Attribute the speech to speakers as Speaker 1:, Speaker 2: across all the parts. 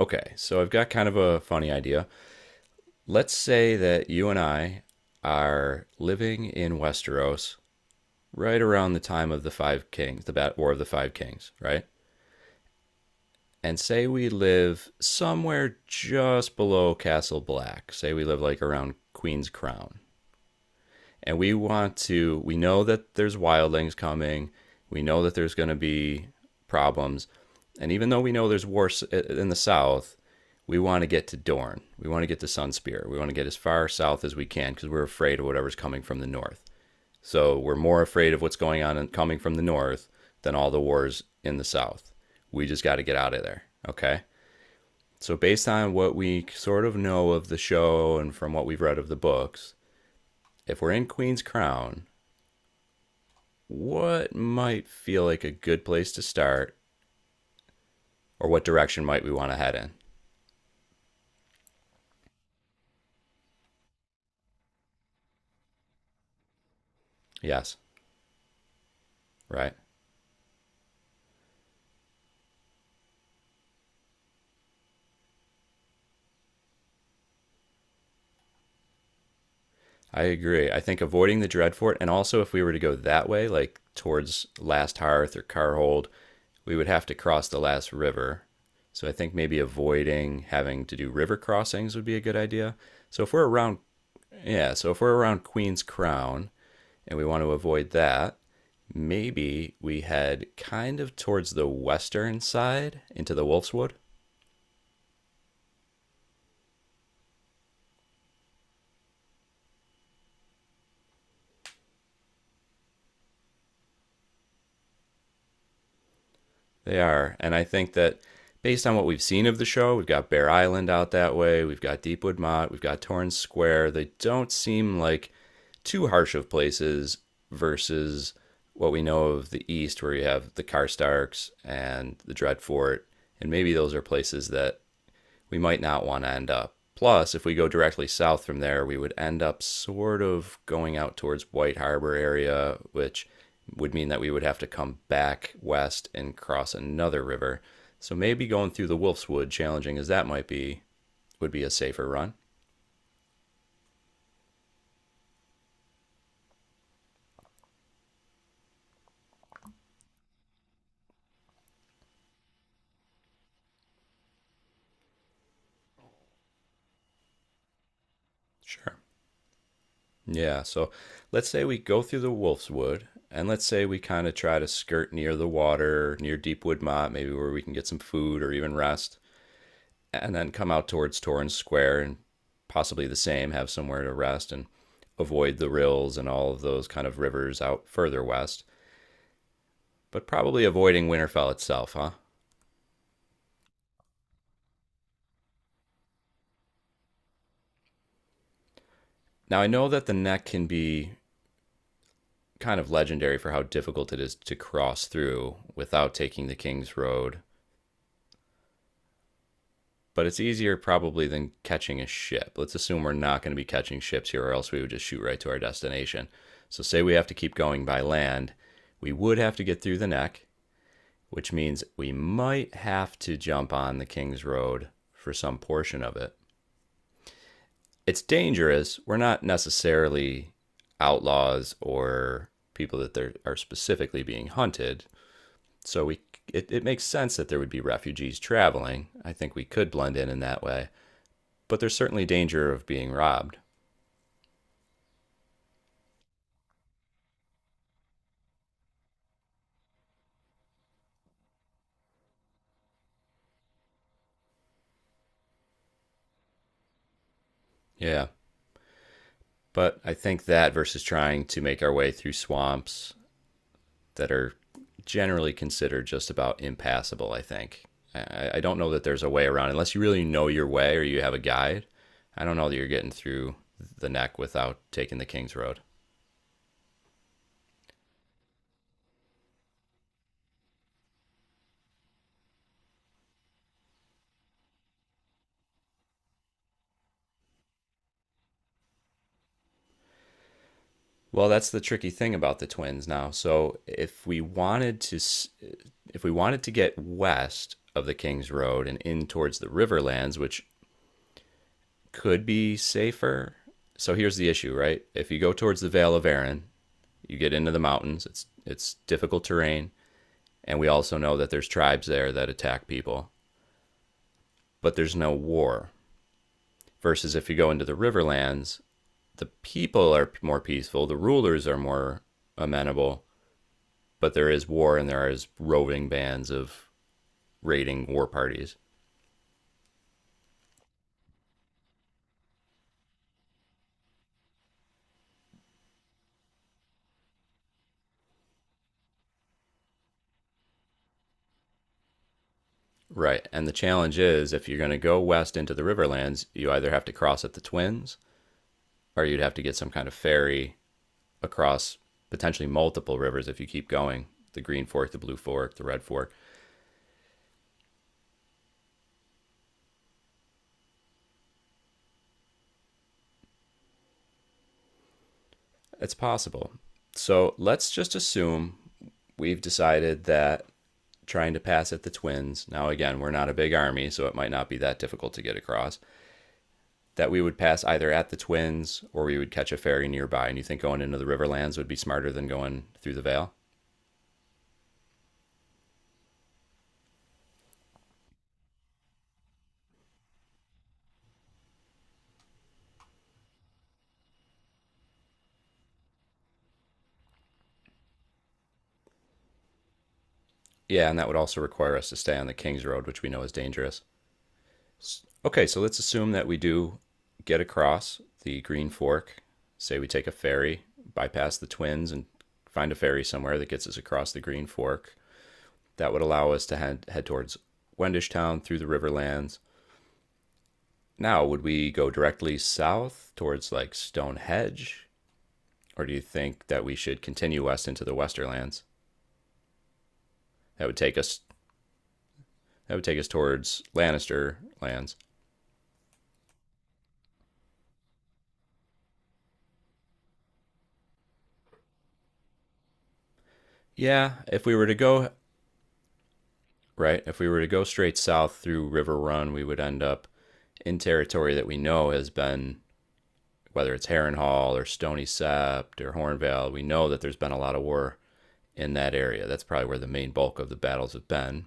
Speaker 1: Okay, so I've got kind of a funny idea. Let's say that you and I are living in Westeros right around the time of the Five Kings, the War of the Five Kings, right? And say we live somewhere just below Castle Black. Say we live like around Queen's Crown. And we want to we know that there's wildlings coming, we know that there's going to be problems, and even though we know there's war in the south, we want to get to Dorne. We want to get to Sunspear. We want to get as far south as we can because we're afraid of whatever's coming from the north. So we're more afraid of what's going on and coming from the north than all the wars in the south. We just got to get out of there, okay? So based on what we sort of know of the show and from what we've read of the books, if we're in Queen's Crown, what might feel like a good place to start, or what direction might we want to head in? Yes, right. I agree. I think avoiding the Dreadfort, and also if we were to go that way, like towards Last Hearth or Carhold, we would have to cross the last river. So I think maybe avoiding having to do river crossings would be a good idea. So if we're around, Yeah, so if we're around Queen's Crown and we want to avoid that, maybe we head kind of towards the western side into the Wolf's Wood. They are. And I think that based on what we've seen of the show, we've got Bear Island out that way, we've got Deepwood Mott, we've got Torrance Square. They don't seem like too harsh of places versus what we know of the East, where you have the Karstarks and the Dreadfort. And maybe those are places that we might not want to end up. Plus, if we go directly south from there, we would end up sort of going out towards White Harbor area, which would mean that we would have to come back west and cross another river. So maybe going through the Wolf's Wood, challenging as that might be, would be a safer run. Sure. Yeah, so let's say we go through the Wolf's Wood, and let's say we kind of try to skirt near the water, near Deepwood Mott, maybe where we can get some food or even rest, and then come out towards Torrance Square and possibly the same, have somewhere to rest and avoid the rills and all of those kind of rivers out further west, but probably avoiding Winterfell itself, huh? Now, I know that the neck can be kind of legendary for how difficult it is to cross through without taking the King's Road, but it's easier probably than catching a ship. Let's assume we're not going to be catching ships here, or else we would just shoot right to our destination. So, say we have to keep going by land, we would have to get through the neck, which means we might have to jump on the King's Road for some portion of it. It's dangerous. We're not necessarily outlaws or people that are specifically being hunted. So we, it makes sense that there would be refugees traveling. I think we could blend in that way. But there's certainly danger of being robbed. Yeah. But I think that versus trying to make our way through swamps that are generally considered just about impassable. I think I don't know that there's a way around unless you really know your way or you have a guide. I don't know that you're getting through the neck without taking the King's Road. Well, that's the tricky thing about the Twins now. If we wanted to get west of the King's Road and in towards the Riverlands, which could be safer. So here's the issue, right? If you go towards the Vale of Arran, you get into the mountains. It's difficult terrain. And we also know that there's tribes there that attack people, but there's no war. Versus if you go into the Riverlands, the people are more peaceful, the rulers are more amenable, but there is war and there is roving bands of raiding war parties. Right. And the challenge is if you're going to go west into the Riverlands, you either have to cross at the Twins or you'd have to get some kind of ferry across potentially multiple rivers if you keep going: the Green Fork, the Blue Fork, the Red Fork. It's possible. So let's just assume we've decided that trying to pass at the Twins, now again, we're not a big army, so it might not be that difficult to get across, that we would pass either at the Twins or we would catch a ferry nearby. And you think going into the Riverlands would be smarter than going through the Vale? Yeah, and that would also require us to stay on the King's Road, which we know is dangerous. Okay, so let's assume that we do get across the Green Fork. Say we take a ferry, bypass the Twins, and find a ferry somewhere that gets us across the Green Fork. That would allow us to head towards Wendishtown through the Riverlands. Now, would we go directly south towards like Stonehenge, or do you think that we should continue west into the Westerlands? That would take us. That would take us towards Lannister lands. Yeah, if we were to go right? If we were to go straight south through River Run, we would end up in territory that we know has been, whether it's Harrenhal or Stony Sept or Hornvale, we know that there's been a lot of war in that area. That's probably where the main bulk of the battles have been.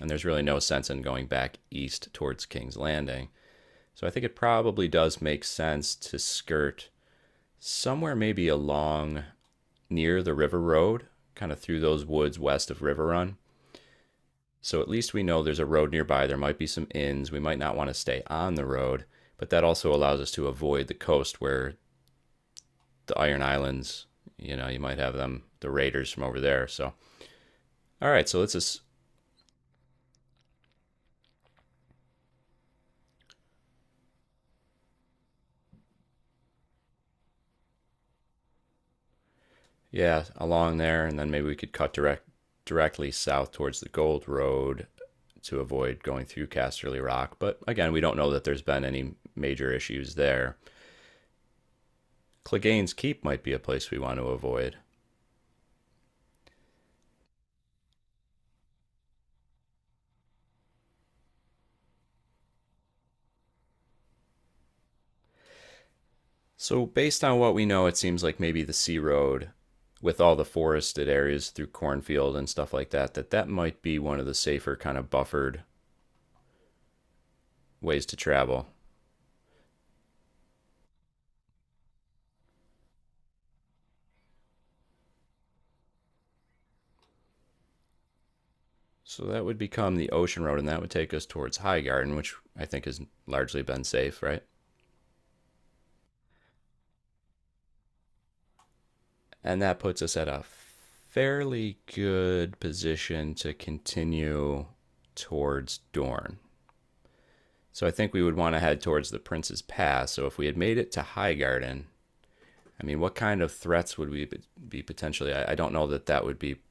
Speaker 1: And there's really no sense in going back east towards King's Landing. So I think it probably does make sense to skirt somewhere maybe along near the river road, kind of through those woods west of River Run. So at least we know there's a road nearby. There might be some inns. We might not want to stay on the road, but that also allows us to avoid the coast where the Iron Islands, you might have them, the raiders from over there. So, all right, so let's just, yeah, along there, and then maybe we could cut directly south towards the Gold Road to avoid going through Casterly Rock. But again, we don't know that there's been any major issues there. Clegane's Keep might be a place we want to avoid. So, based on what we know, it seems like maybe the Sea Road, with all the forested areas through cornfield and stuff like that, that might be one of the safer kind of buffered ways to travel. So that would become the Ocean Road, and that would take us towards High Garden, which I think has largely been safe, right? And that puts us at a fairly good position to continue towards Dorne. So I think we would want to head towards the Prince's Pass. So if we had made it to High Garden, I mean, what kind of threats would we be potentially? I don't know that that would be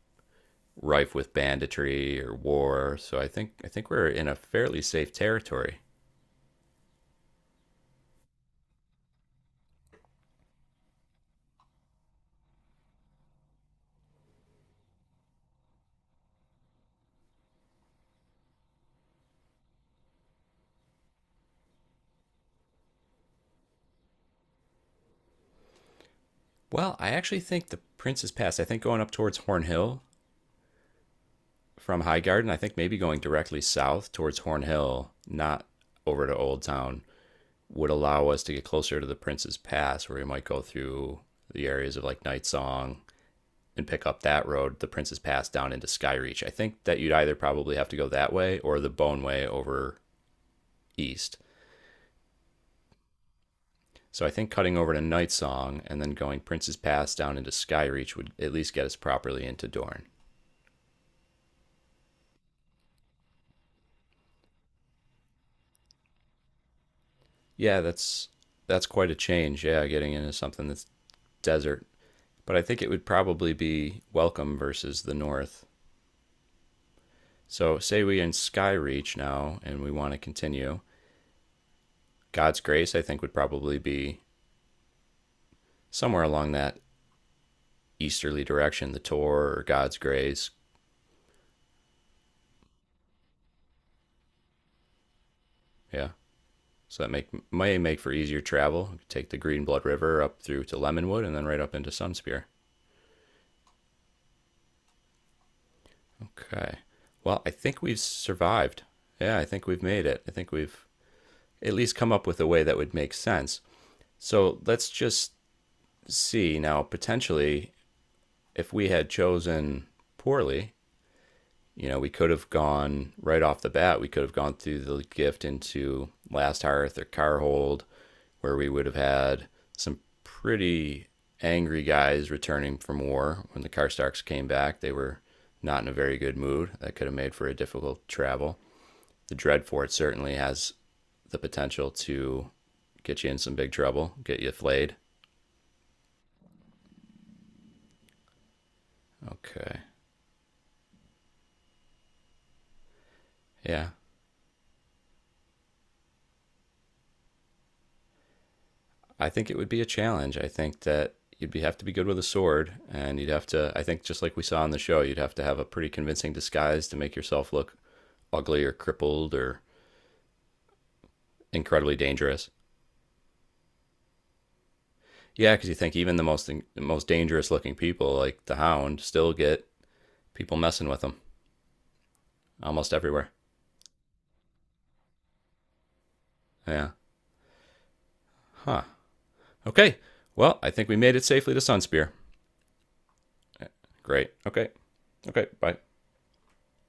Speaker 1: rife with banditry or war. So I think we're in a fairly safe territory. Well, I actually think the Prince's Pass. I think going up towards Horn Hill from High Garden. I think maybe going directly south towards Horn Hill, not over to Old Town, would allow us to get closer to the Prince's Pass, where we might go through the areas of like Night Song and pick up that road, the Prince's Pass down into Skyreach. I think that you'd either probably have to go that way or the Bone Way over east. So I think cutting over to Night Song and then going Prince's Pass down into Skyreach would at least get us properly into Dorne. Yeah, that's quite a change. Yeah, getting into something that's desert. But I think it would probably be welcome versus the North. So say we are in Skyreach now and we want to continue. God's Grace I think would probably be somewhere along that easterly direction, the Tor or God's Grace. Yeah. So that make may make for easier travel. You could take the Green Blood River up through to Lemonwood and then right up into Sunspear. Okay. Well, I think we've survived. Yeah, I think we've made it. I think we've at least come up with a way that would make sense. So let's just see now potentially if we had chosen poorly. You know, we could have gone right off the bat. We could have gone through the gift into Last Hearth or Carhold, where we would have had some pretty angry guys returning from war. When the Karstarks came back, they were not in a very good mood. That could have made for a difficult travel. The Dreadfort certainly has the potential to get you in some big trouble, get you flayed. Okay. Yeah. I think it would be a challenge. I think that you'd be, have to be good with a sword, and you'd have to. I think just like we saw on the show, you'd have to have a pretty convincing disguise to make yourself look ugly or crippled or incredibly dangerous. Yeah, because you think even the most dangerous looking people, like the Hound, still get people messing with them almost everywhere. Yeah. Huh. Okay. Well, I think we made it safely to Sunspear. Great. Okay. Okay. Bye.